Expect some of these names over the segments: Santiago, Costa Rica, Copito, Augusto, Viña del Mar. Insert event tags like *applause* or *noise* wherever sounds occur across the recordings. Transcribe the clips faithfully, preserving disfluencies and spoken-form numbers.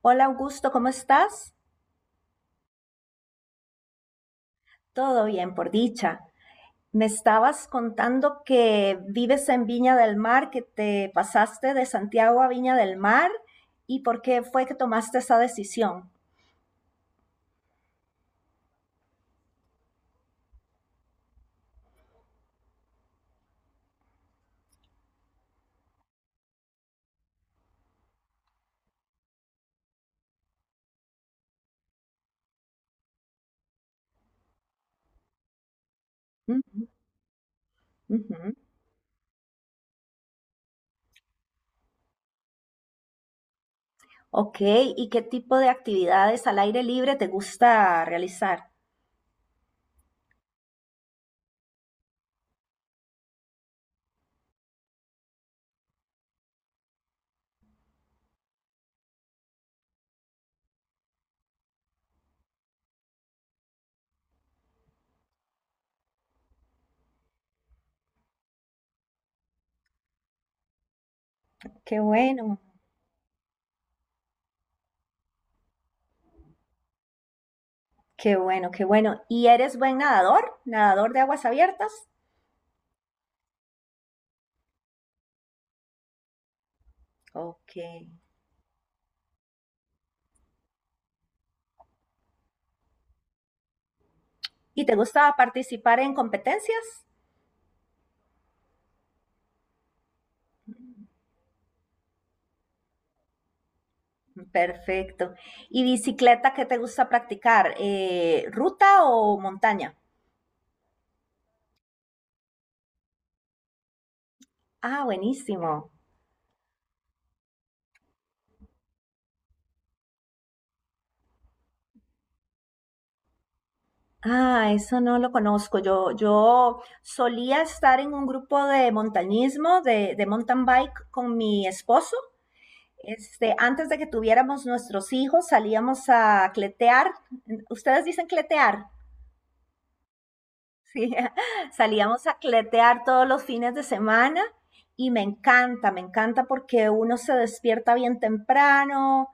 Hola Augusto, ¿cómo estás? Todo bien, por dicha. Me estabas contando que vives en Viña del Mar, que te pasaste de Santiago a Viña del Mar y por qué fue que tomaste esa decisión. Ujú, ujú. Ok, ¿y qué tipo de actividades al aire libre te gusta realizar? Qué bueno, qué bueno, qué bueno. ¿Y eres buen nadador? ¿Nadador de aguas abiertas? Ok. ¿Y te gusta participar en competencias? Perfecto. ¿Y bicicleta qué te gusta practicar? Eh, ¿ruta o montaña? Ah, buenísimo. Ah, eso no lo conozco. Yo, yo solía estar en un grupo de montañismo, de, de mountain bike con mi esposo. Este, antes de que tuviéramos nuestros hijos, salíamos a cletear. ¿Ustedes dicen cletear? Sí, *laughs* salíamos a cletear todos los fines de semana y me encanta, me encanta porque uno se despierta bien temprano,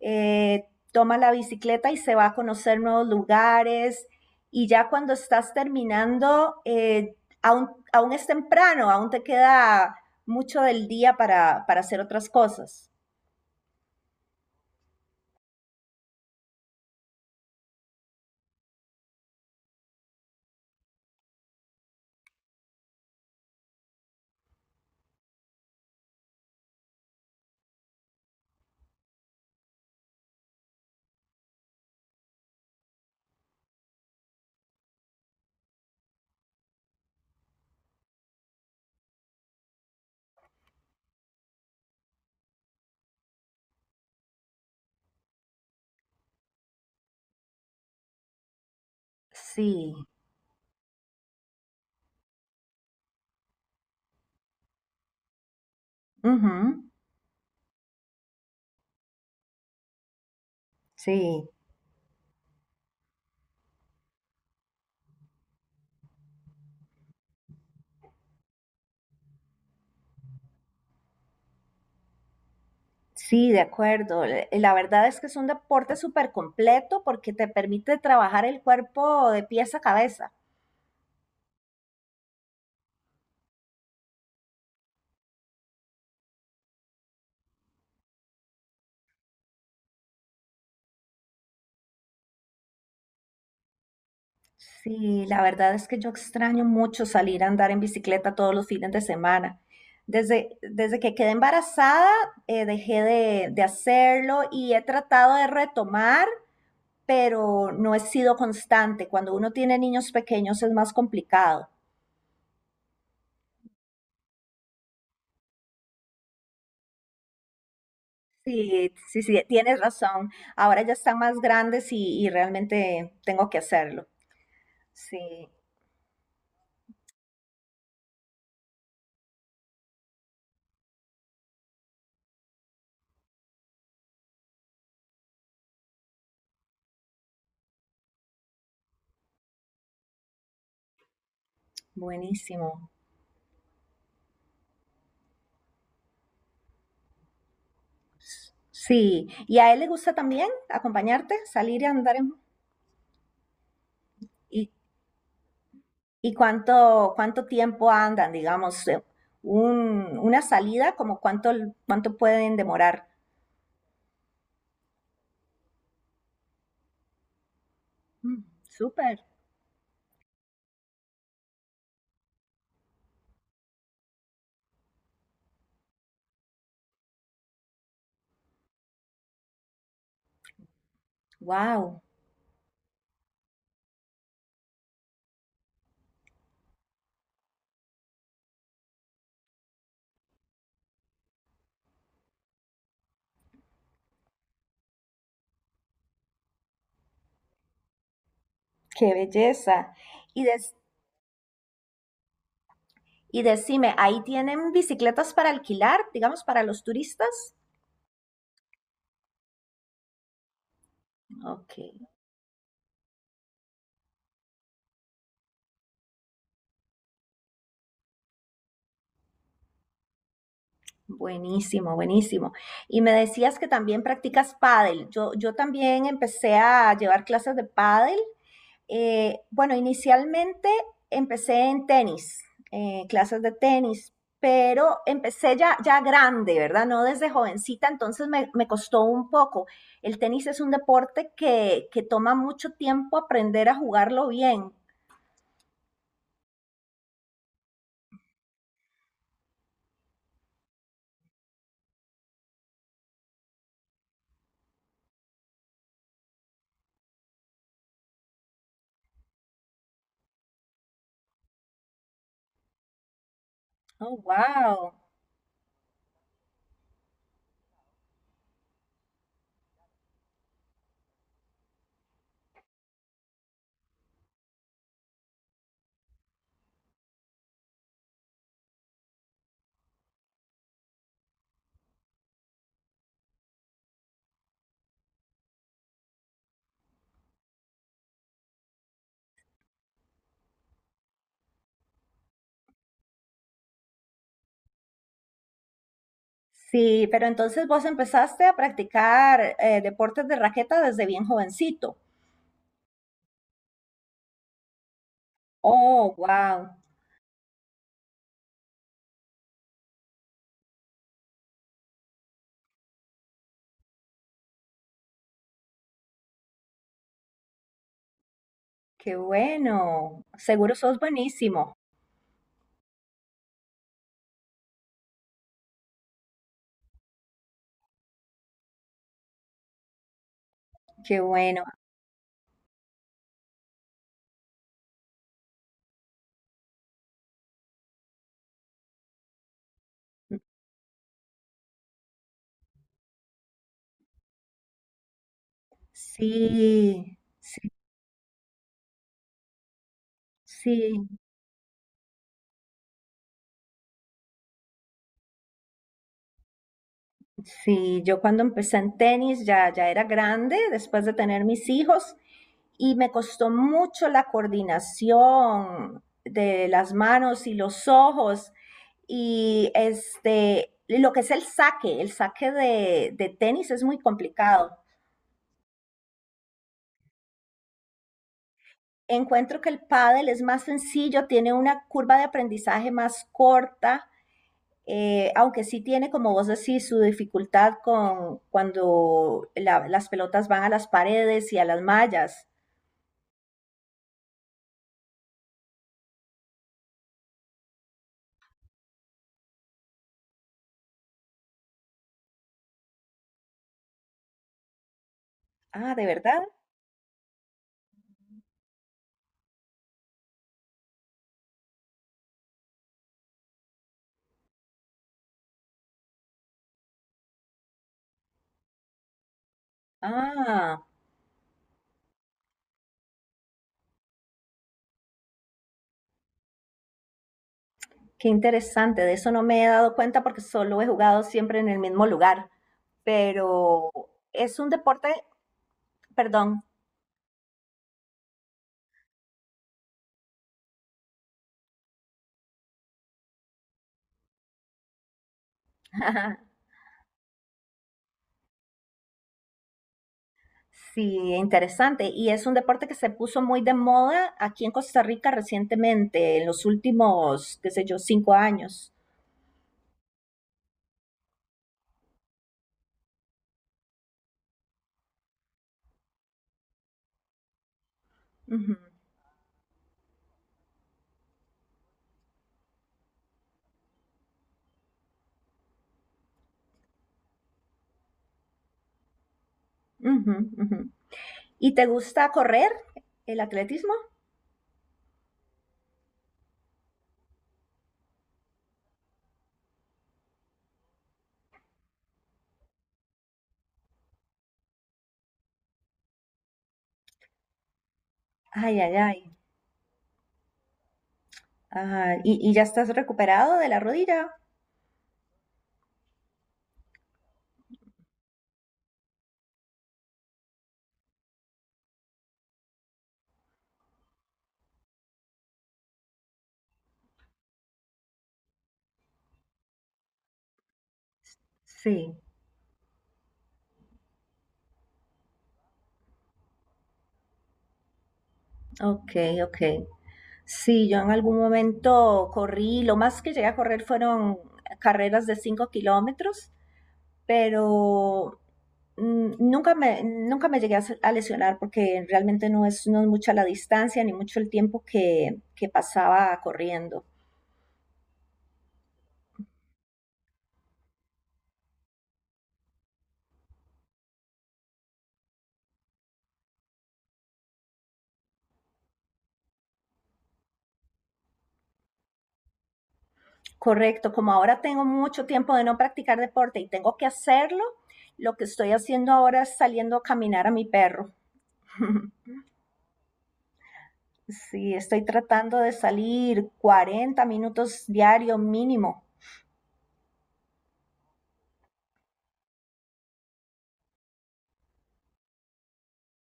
eh, toma la bicicleta y se va a conocer nuevos lugares y ya cuando estás terminando, eh, aún, aún es temprano, aún te queda mucho del día para, para hacer otras cosas. Sí, ujú, sí. Sí, de acuerdo. Le- La verdad es que es un deporte súper completo porque te permite trabajar el cuerpo de pies a cabeza. Sí, la verdad es que yo extraño mucho salir a andar en bicicleta todos los fines de semana. Desde, desde que quedé embarazada, eh, dejé de, de hacerlo y he tratado de retomar, pero no he sido constante. Cuando uno tiene niños pequeños es más complicado. Sí, sí, sí, tienes razón. Ahora ya están más grandes y, y realmente tengo que hacerlo. Sí, buenísimo. Sí, ¿y a él le gusta también acompañarte, salir y andar? en- ¿Y, y cuánto, cuánto tiempo andan, digamos, eh, un- una salida, como cuánto, cuánto pueden demorar? Mm, súper, wow, qué belleza. Y, des- y decime, ¿ahí tienen bicicletas para alquilar, digamos, para los turistas? Ok. Buenísimo, buenísimo. Y me decías que también practicas pádel. Yo, yo también empecé a llevar clases de pádel. Eh, bueno, inicialmente empecé en tenis, eh, clases de tenis, pero empecé ya, ya grande, ¿verdad? No desde jovencita, entonces me, me costó un poco. El tenis es un deporte que, que toma mucho tiempo aprender a jugarlo bien. Oh, wow. Sí, pero entonces vos empezaste a practicar eh, deportes de raqueta desde bien jovencito. Oh, wow, qué bueno. Seguro sos buenísimo. Qué bueno. Sí, sí, sí. Sí, yo cuando empecé en tenis ya, ya era grande, después de tener mis hijos, y me costó mucho la coordinación de las manos y los ojos, y este, lo que es el saque, el saque de, de tenis es muy complicado. Encuentro que el pádel es más sencillo, tiene una curva de aprendizaje más corta. Eh, aunque sí tiene, como vos decís, su dificultad con cuando la- las pelotas van a las paredes y a las mallas. Ah, ¿de verdad? Ah, qué interesante. De eso no me he dado cuenta porque solo he jugado siempre en el mismo lugar. Pero es un deporte, perdón. *laughs* Sí, interesante. Y es un deporte que se puso muy de moda aquí en Costa Rica recientemente, en los últimos, qué sé yo, cinco años. Ujú, ujú, ujú. ¿Y te gusta correr el atletismo? Ay, ay, ay. Ajá. ¿Y, y ya estás recuperado de la rodilla? Sí, ok, ok. Sí, yo en algún momento corrí, lo más que llegué a correr fueron carreras de cinco kilómetros, pero mm, nunca me, nunca me llegué a, se- a lesionar porque realmente no es, no es mucha la distancia ni mucho el tiempo que, que pasaba corriendo. Correcto, como ahora tengo mucho tiempo de no practicar deporte y tengo que hacerlo, lo que estoy haciendo ahora es saliendo a caminar a mi perro. *laughs* Sí, estoy tratando de salir cuarenta minutos diario mínimo.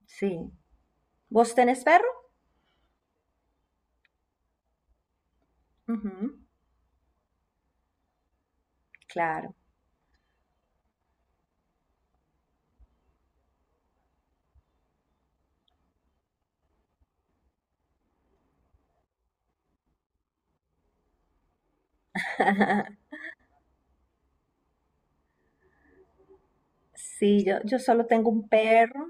Sí. ¿Vos tenés perro? Ujú, claro. Sí, yo, yo solo tengo un perro.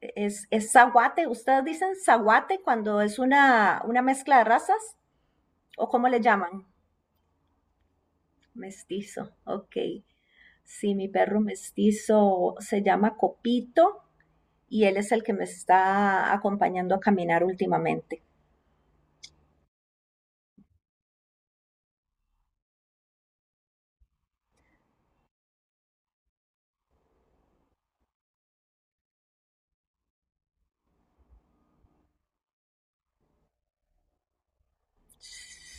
Es, es zaguate. ¿Ustedes dicen zaguate cuando es una, una mezcla de razas? ¿O cómo le llaman? Mestizo, ok. Sí, mi perro mestizo se llama Copito y él es el que me está acompañando a caminar últimamente.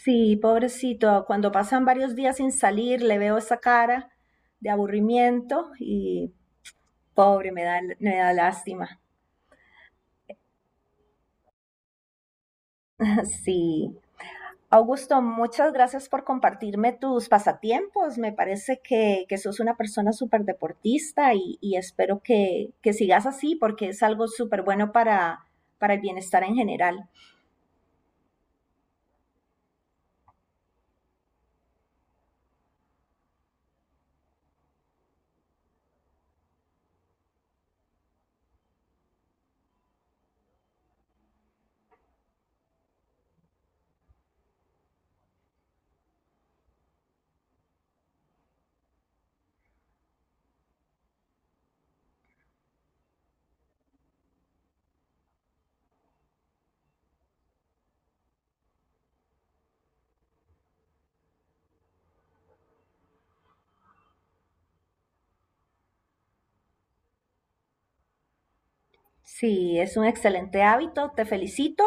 Sí, pobrecito, cuando pasan varios días sin salir, le veo esa cara de aburrimiento y pobre, me da, me da lástima. *laughs* Sí. Augusto, muchas gracias por compartirme tus pasatiempos. Me parece que, que sos una persona súper deportista y, y espero que, que sigas así porque es algo súper bueno para, para el bienestar en general. Sí, es un excelente hábito, te felicito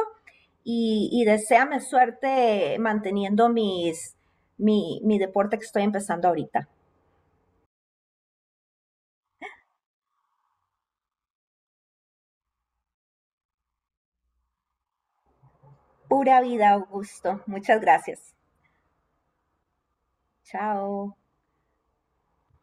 y, y deséame suerte manteniendo mis, mi, mi deporte que estoy empezando ahorita. Pura vida, Augusto. Muchas gracias. Chao.